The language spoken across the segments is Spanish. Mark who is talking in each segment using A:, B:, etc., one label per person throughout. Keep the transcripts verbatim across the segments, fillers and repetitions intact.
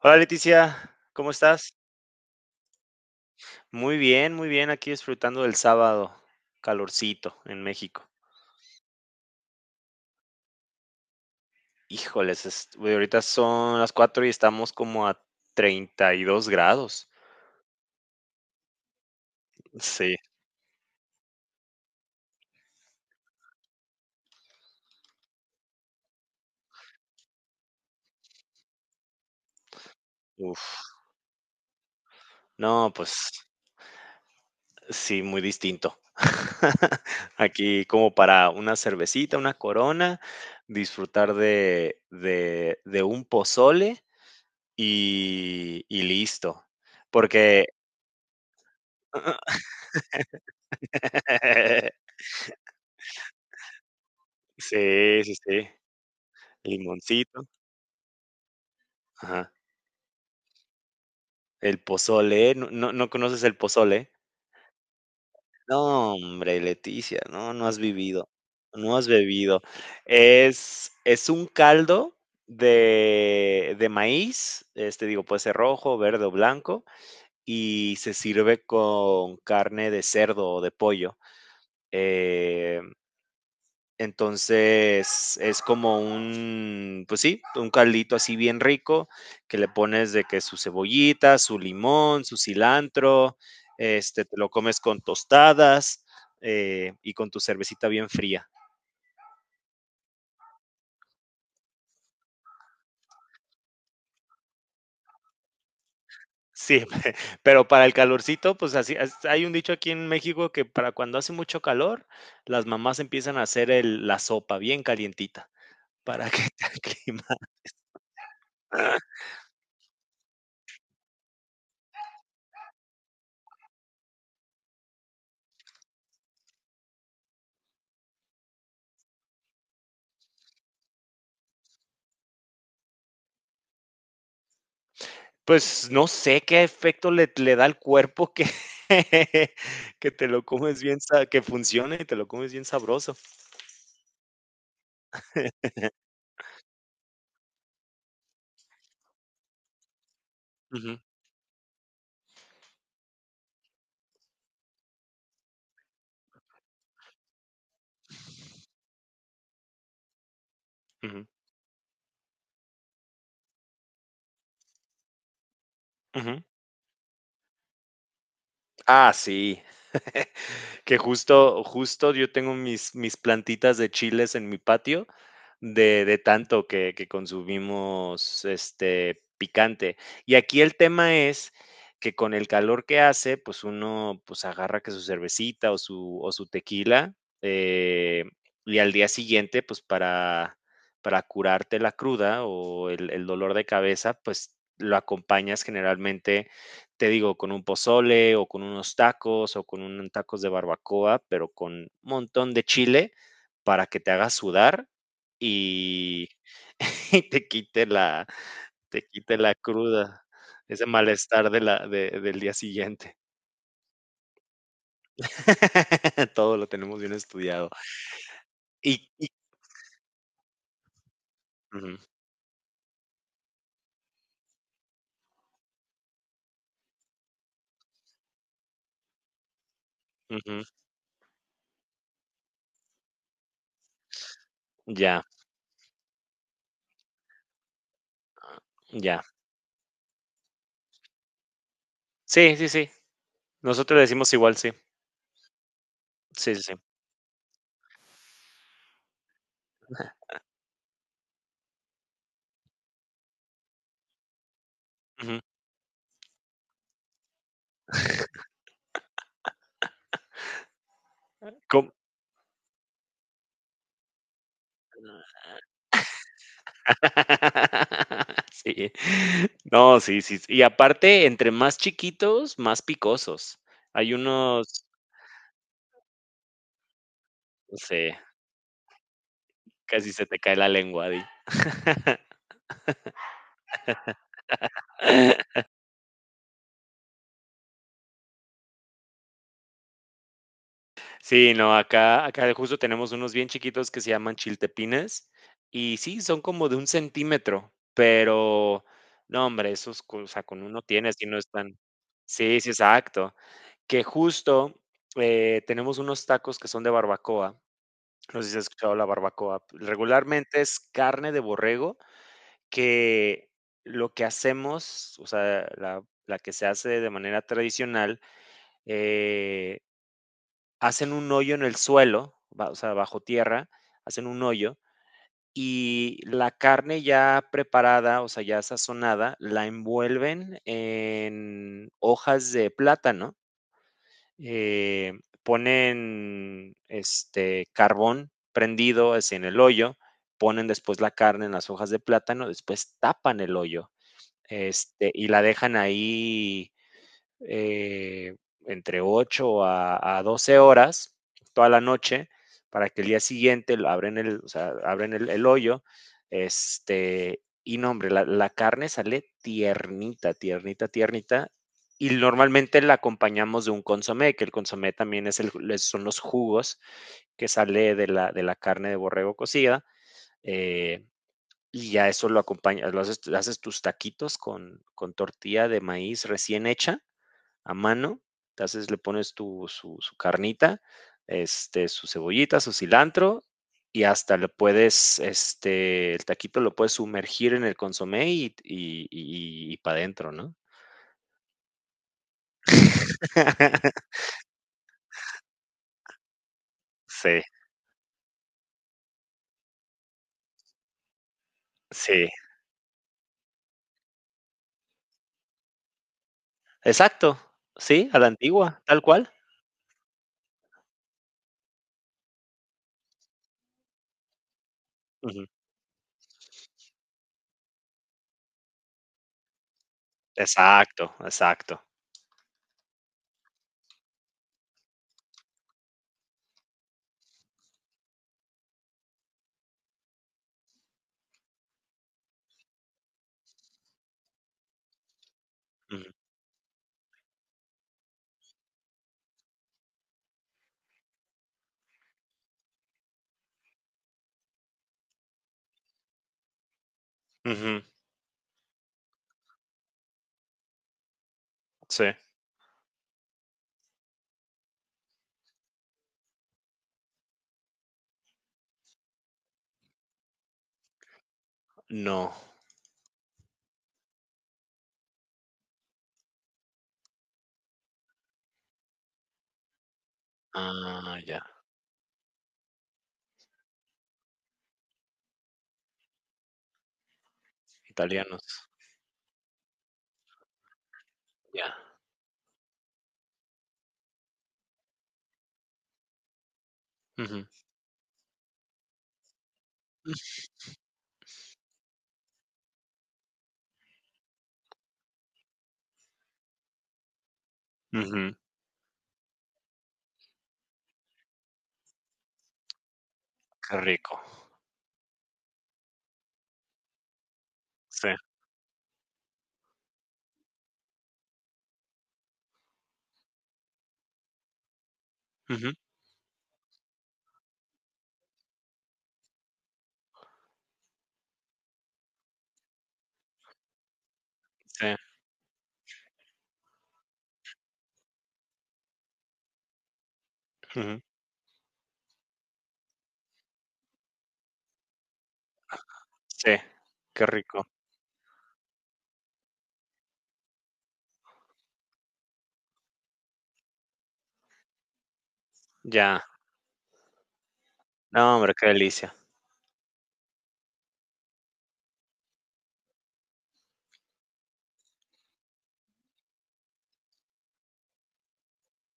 A: Hola Leticia, ¿cómo estás? Muy bien, muy bien, aquí disfrutando del sábado, calorcito en México. Híjoles, es- güey, ahorita son las cuatro y estamos como a treinta y dos grados. Sí, uff. No, pues sí, muy distinto. Aquí como para una cervecita, una corona, disfrutar de, de, de un pozole y, y listo. Porque, sí, sí, sí. Limoncito, ajá. El pozole, ¿no no no conoces el pozole? No, hombre, Leticia, no, no has vivido, no has bebido. Es es un caldo de de maíz, este, digo, puede ser rojo, verde o blanco, y se sirve con carne de cerdo o de pollo. Eh Entonces es como un, pues sí, un caldito así bien rico que le pones de que su cebollita, su limón, su cilantro, este, te lo comes con tostadas eh, y con tu cervecita bien fría. Sí, pero para el calorcito, pues así, as- hay un dicho aquí en México que para cuando hace mucho calor, las mamás empiezan a hacer el- la sopa bien calientita para que te aclimates. Pues, no sé qué efecto le le da al cuerpo que que te lo comes bien sa que funcione y te lo comes bien sabroso. Ujú, ujú, ujú. Ah, sí. Que justo, justo yo tengo mis, mis plantitas de chiles en mi patio de, de tanto que, que consumimos este picante. Y aquí el tema es que con el calor que hace, pues uno pues agarra que su cervecita o su, o su tequila eh, y al día siguiente, pues para, para curarte la cruda o el, el dolor de cabeza, pues lo acompañas generalmente te digo, con un pozole o con unos tacos o con unos tacos de barbacoa, pero con un montón de chile para que te haga sudar y, y te quite la te quite la cruda, ese malestar de la de del día siguiente. Todo lo tenemos bien estudiado. Y y ujú, ujú, ya, ya. Sí, sí, sí. Nosotros le decimos igual, sí. Sí, sí, sí. Ujú. Sí. No, sí, sí, sí. Y aparte, entre más chiquitos, más picosos. Hay unos, no sé, casi se te cae la lengua de... Sí, no, acá acá justo tenemos unos bien chiquitos que se llaman chiltepines, y sí, son como de un centímetro, pero no, hombre, esos co o sea, con uno tienes y no están... Sí, sí, exacto. Que justo, eh, tenemos unos tacos que son de barbacoa. No sé si has escuchado la barbacoa. Regularmente es carne de borrego que lo que hacemos, o sea, la la que se hace de manera tradicional, eh, hacen un hoyo en el suelo, ba o sea, bajo tierra, hacen un hoyo y la carne ya preparada, o sea, ya sazonada, la envuelven en hojas de plátano eh, ponen este carbón prendido en el hoyo, ponen después la carne en las hojas de plátano, después tapan el hoyo este, y la dejan ahí eh, entre ocho a, a, doce horas toda la noche para que el día siguiente lo abren el, o sea, abren el, el, hoyo. Este, y no, hombre, la, la carne sale tiernita, tiernita, tiernita. Y normalmente la acompañamos de un consomé, que el consomé también es el, son los jugos que sale de la, de la carne de borrego cocida. Eh, y ya eso lo acompañas, lo haces, haces, tus taquitos con, con tortilla de maíz recién hecha a mano. Entonces le pones tu, su, su carnita, este, su cebollita, su cilantro y hasta le puedes, este, el taquito lo puedes sumergir en el consomé y, y, y, y para adentro, ¿no? Sí, sí, exacto, sí, a la antigua, tal cual. Ujú. Exacto, exacto. Ujú, ujú, sí, no, ah, ya, italianos, ya. Ujú, ujú, qué rico, sí, ujú, sí. Ujú. Sí, qué rico. Ya. No, hombre, qué delicia.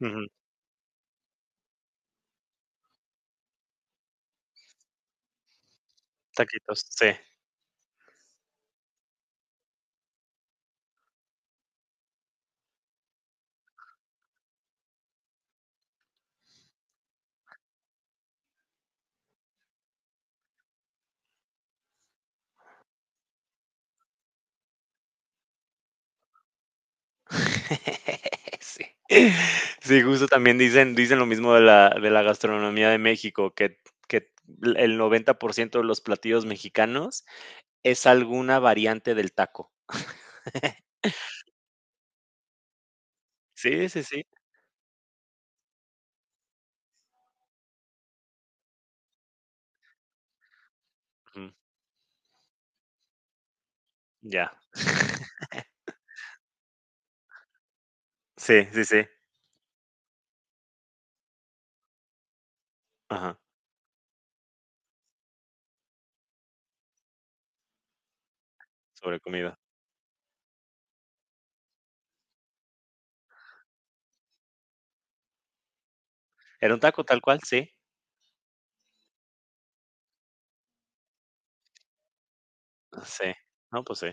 A: Ujú. Taquitos, sí. Sí. Sí, justo también dicen dicen lo mismo de la de la gastronomía de México, que que el noventa por ciento de los platillos mexicanos es alguna variante del taco. Sí, sí, sí. Ujú. Ya. Sí, sí, sí. Ajá, sobre comida. Era un taco tal cual, sí. Sí. No, pues sí.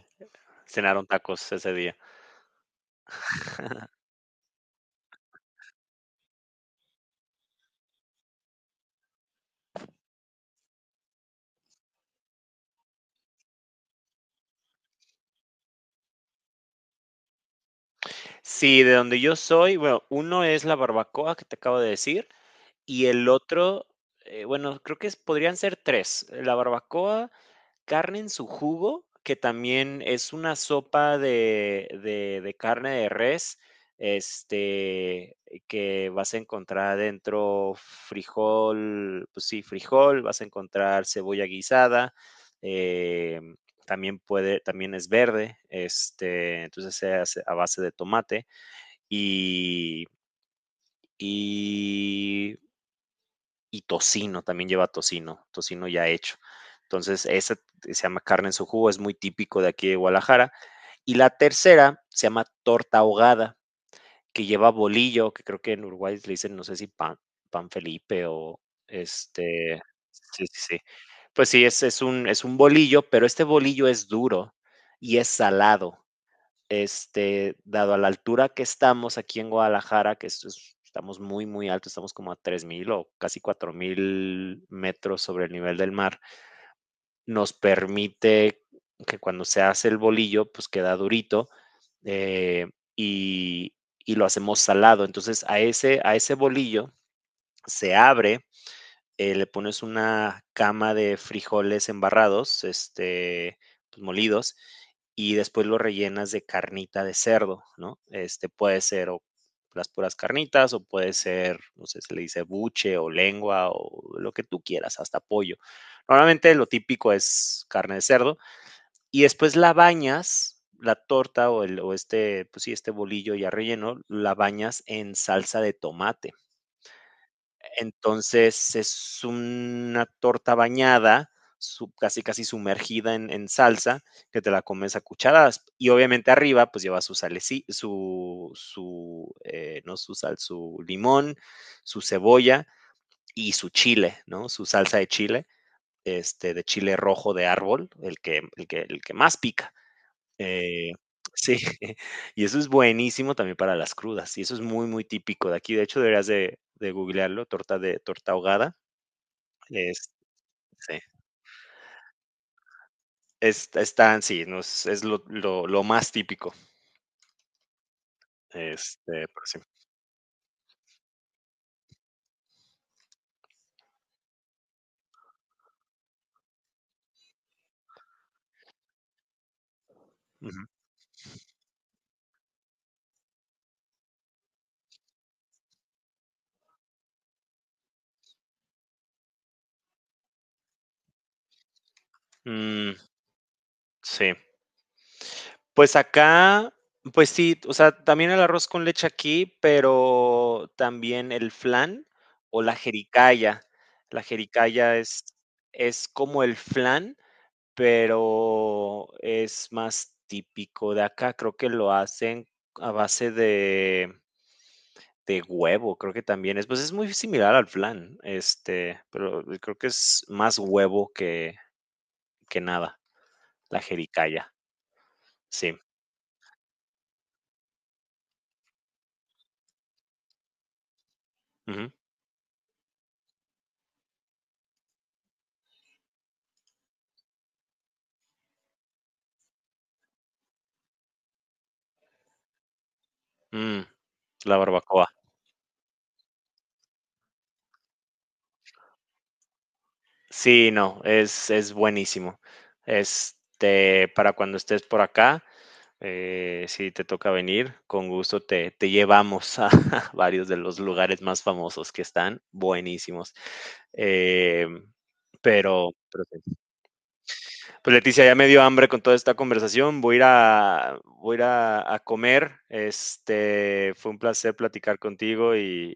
A: Cenaron tacos ese día. Sí, de donde yo soy, bueno, uno es la barbacoa que te acabo de decir y el otro, eh, bueno, creo que es- podrían ser tres. La barbacoa, carne en su jugo, que también es una sopa de, de- de carne de res, este, que vas a encontrar dentro frijol, pues sí, frijol, vas a encontrar cebolla guisada, eh, también puede, también es verde, este, entonces se hace a base de tomate y, y, y tocino, también lleva tocino, tocino ya hecho. Entonces, esa se llama carne en su jugo, es muy típico de aquí de Guadalajara. Y la tercera se llama torta ahogada, que lleva bolillo, que creo que en Uruguay le dicen, no sé si pan, pan Felipe o este, sí, sí, sí. Pues sí, es, es un, es un bolillo, pero este bolillo es duro y es salado este, dado a la altura que estamos aquí en Guadalajara, que esto es- estamos muy, muy alto, estamos como a tres mil o casi cuatro mil metros sobre el nivel del mar, nos permite que cuando se hace el bolillo, pues queda durito eh, y, y lo hacemos salado. Entonces a ese, a ese bolillo se abre eh, le pones una cama de frijoles embarrados, este, pues, molidos, y después lo rellenas de carnita de cerdo, ¿no? Este puede ser o las puras carnitas o puede ser, no sé, se le dice buche o lengua o lo que tú quieras, hasta pollo. Normalmente lo típico es carne de cerdo y después la bañas, la torta o, el, o este, pues sí, este bolillo ya relleno, la bañas en salsa de tomate. Entonces, es una torta bañada, sub casi, casi sumergida en en salsa, que te la comes a cucharadas. Y obviamente arriba, pues lleva su saleci su su, eh, no su sal, su limón, su cebolla y su chile, ¿no? Su salsa de chile, este, de chile rojo de árbol, el que el que el que más pica. Eh, sí, y eso es buenísimo también para las crudas, y eso es muy, muy típico de aquí. De hecho, deberías de de googlearlo, torta de torta ahogada. Es Sí, es están sí, nos es es lo lo lo más típico, este, pero sí. Ujú. Mm, sí. Pues acá, pues sí, o sea, también el arroz con leche aquí, pero también el flan o la jericaya. La jericaya es es como el flan, pero es más típico de acá, creo que lo hacen a base de... De huevo, creo que también es, pues, es muy similar al flan, este, pero creo que es más huevo que que nada, la jericaya, sí. Ujú. Mm, la barbacoa. Sí, no, es es buenísimo. Este, para cuando estés por acá, eh, si te toca venir, con gusto te te llevamos a varios de los lugares más famosos que están buenísimos. Em, pero pero pues Leticia, ya me dio hambre con toda esta conversación. Voy a ir a, voy a, ir a, a comer. Este, fue un placer platicar contigo y,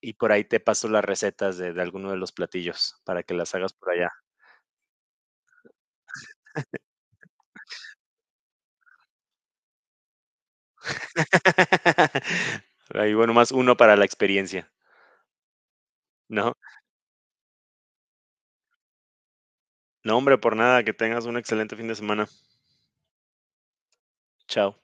A: y por ahí te paso las recetas de, de alguno de los platillos para que las hagas por allá. Ahí, bueno, más uno para la experiencia, ¿no? No, hombre, por nada, que tengas un excelente fin de semana. Chao.